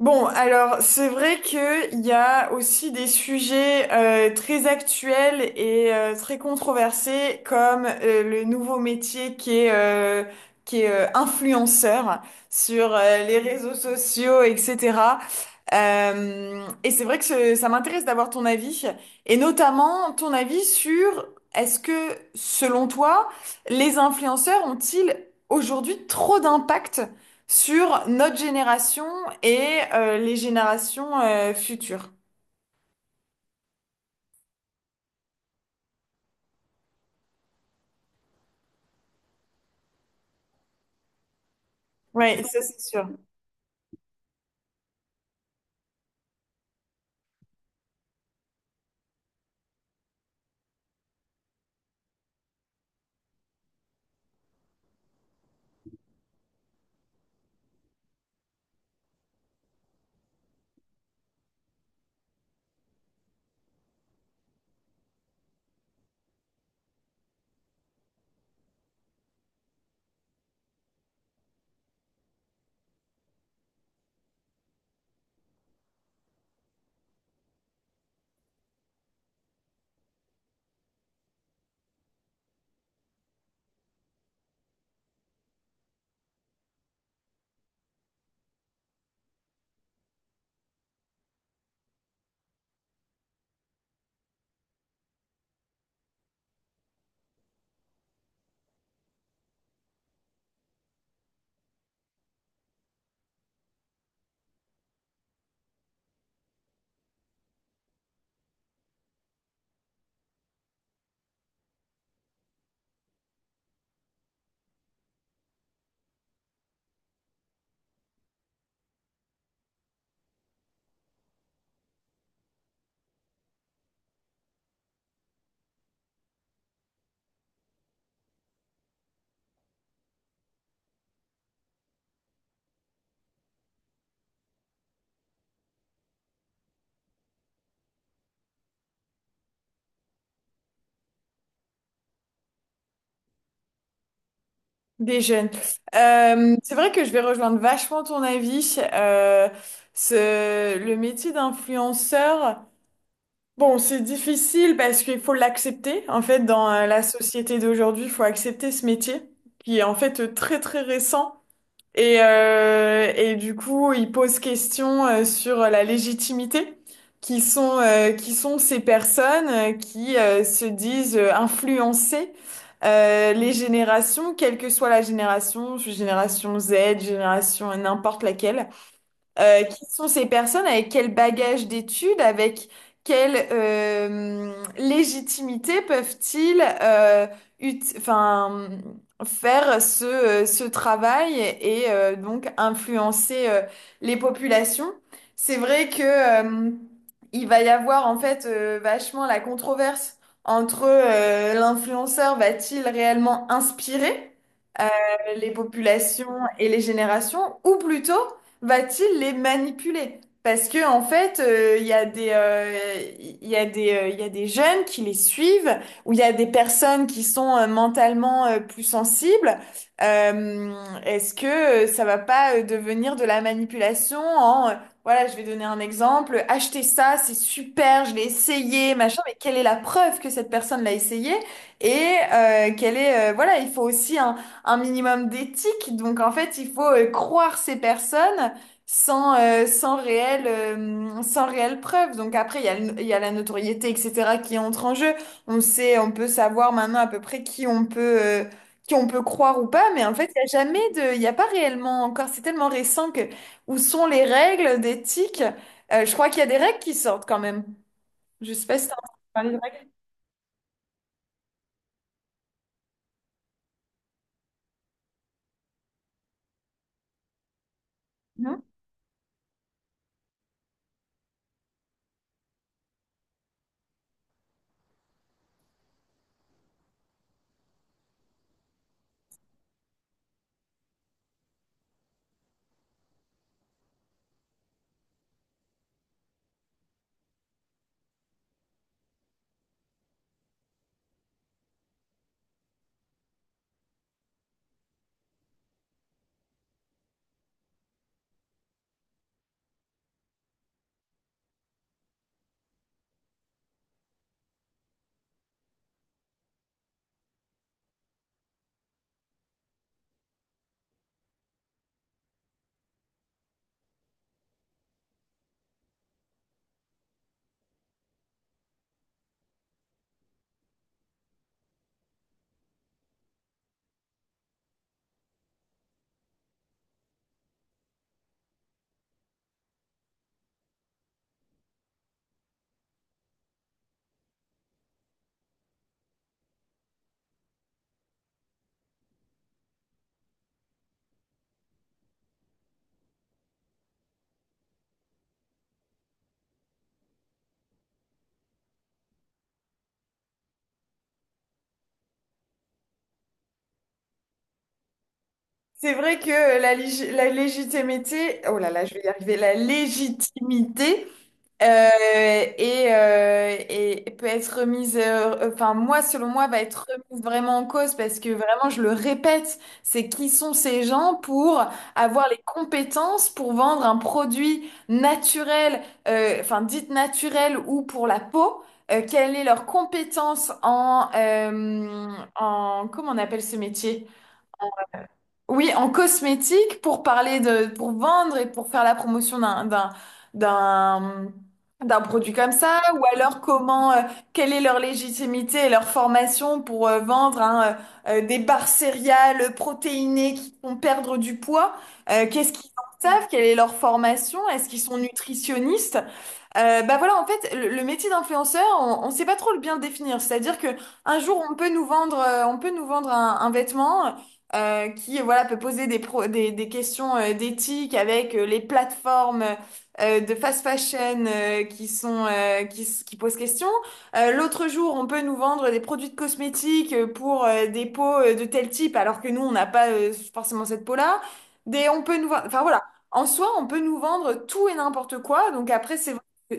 Bon, alors c'est vrai que il y a aussi des sujets très actuels et très controversés comme le nouveau métier qui est influenceur sur les réseaux sociaux, etc. Et c'est vrai que ça m'intéresse d'avoir ton avis et notamment ton avis sur est-ce que, selon toi, les influenceurs ont-ils aujourd'hui trop d'impact sur notre génération et les générations futures? Oui, ça c'est sûr. Des jeunes. C'est vrai que je vais rejoindre vachement ton avis. Le métier d'influenceur, bon, c'est difficile parce qu'il faut l'accepter. En fait, dans la société d'aujourd'hui, il faut accepter ce métier qui est en fait très très récent. Et du coup, il pose question sur la légitimité. Qui sont ces personnes qui se disent influencer les générations, quelle que soit la génération, génération Z, génération n'importe laquelle. Qui sont ces personnes, avec quel bagage d'études, avec quelle légitimité peuvent-ils enfin, faire ce travail et donc influencer les populations. C'est vrai que il va y avoir en fait vachement la controverse entre l'influenceur va-t-il réellement inspirer euh, les populations et les générations, ou plutôt va-t-il les manipuler? Parce que en fait, il y a des, il y a des, il y a des jeunes qui les suivent, ou il y a des personnes qui sont mentalement plus sensibles. Euh, est-ce que ça va pas devenir de la manipulation voilà, je vais donner un exemple: acheter ça, c'est super, je l'ai essayé, machin, mais quelle est la preuve que cette personne l'a essayé? Et voilà, il faut aussi un minimum d'éthique. Donc en fait, il faut croire ces personnes sans réelle preuve. Donc après, il y a, il y a la notoriété, etc., qui entre en jeu. On sait, on peut savoir maintenant à peu près qui on peut croire ou pas, mais en fait, il n'y a jamais de, il n'y a pas réellement encore, c'est tellement récent que, où sont les règles d'éthique? Je crois qu'il y a des règles qui sortent quand même. Je sais pas si t'as entendu parler de règles. C'est vrai que la, la légitimité, oh là là, je vais y arriver, la légitimité euh, et peut être remise, enfin moi, selon moi, va être remise vraiment en cause parce que vraiment, je le répète, c'est qui sont ces gens pour avoir les compétences pour vendre un produit naturel, enfin dit naturel ou pour la peau. Quelle est leur compétence en, comment on appelle ce métier? Oui, en cosmétique, pour parler de, pour vendre et pour faire la promotion d'un, d'un produit comme ça, ou alors comment, quelle est leur légitimité et leur formation pour vendre, hein, des barres céréales protéinées qui font perdre du poids. Qu'est-ce qu'ils en savent? Quelle est leur formation? Est-ce qu'ils sont nutritionnistes? Bah voilà, en fait, le métier d'influenceur, on ne sait pas trop le bien le définir. C'est-à-dire que un jour, on peut nous vendre, on peut nous vendre un vêtement qui, voilà, peut poser des questions d'éthique avec les plateformes de fast fashion qui sont, qui, s- qui posent question. L'autre jour, on peut nous vendre des produits de cosmétiques pour des peaux de tel type, alors que nous, on n'a pas forcément cette peau-là. Des, on peut nous vendre, enfin voilà. En soi, on peut nous vendre tout et n'importe quoi. Donc après, c'est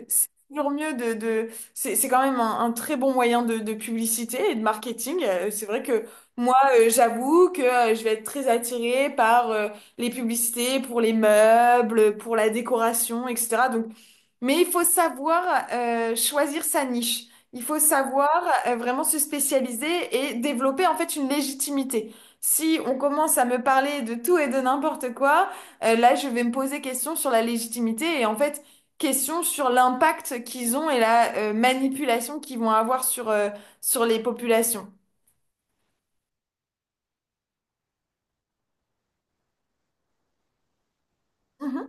c'est toujours mieux c'est quand même un très bon moyen de publicité et de marketing. C'est vrai que moi, j'avoue que je vais être très attirée par les publicités pour les meubles, pour la décoration, etc. Donc, mais il faut savoir choisir sa niche. Il faut savoir vraiment se spécialiser et développer en fait une légitimité. Si on commence à me parler de tout et de n'importe quoi, là je vais me poser question sur la légitimité et en fait question sur l'impact qu'ils ont et la manipulation qu'ils vont avoir sur, sur les populations. Mhm.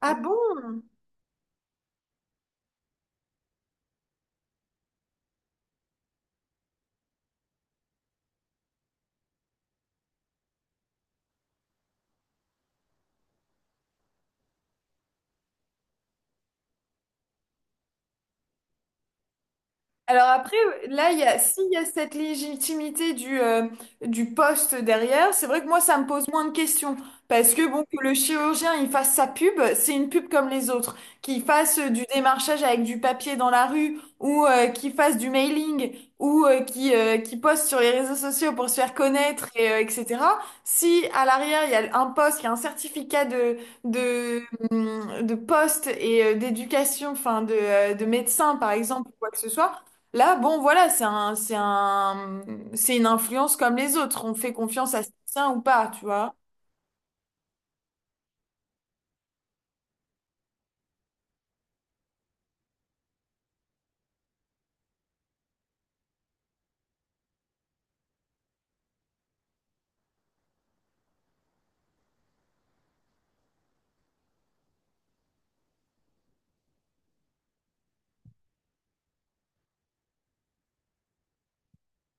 Ah bon? Alors après, là, il y a, s'il y a cette légitimité du poste derrière, c'est vrai que moi, ça me pose moins de questions. Parce que bon, que le chirurgien, il fasse sa pub, c'est une pub comme les autres. Qu'il fasse du démarchage avec du papier dans la rue, ou qu'il fasse du mailing, ou qu'il poste sur les réseaux sociaux pour se faire connaître, etc. Si à l'arrière, il y a un poste, il y a un certificat de de poste et d'éducation, enfin de médecin, par exemple, ou quoi que ce soit, là, bon, voilà, c'est une influence comme les autres. On fait confiance à certains ou pas, tu vois.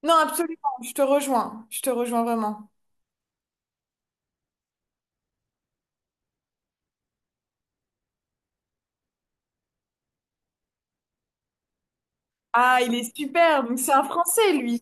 Non, absolument, je te rejoins. Je te rejoins vraiment. Ah, il est super. Donc, c'est un Français, lui.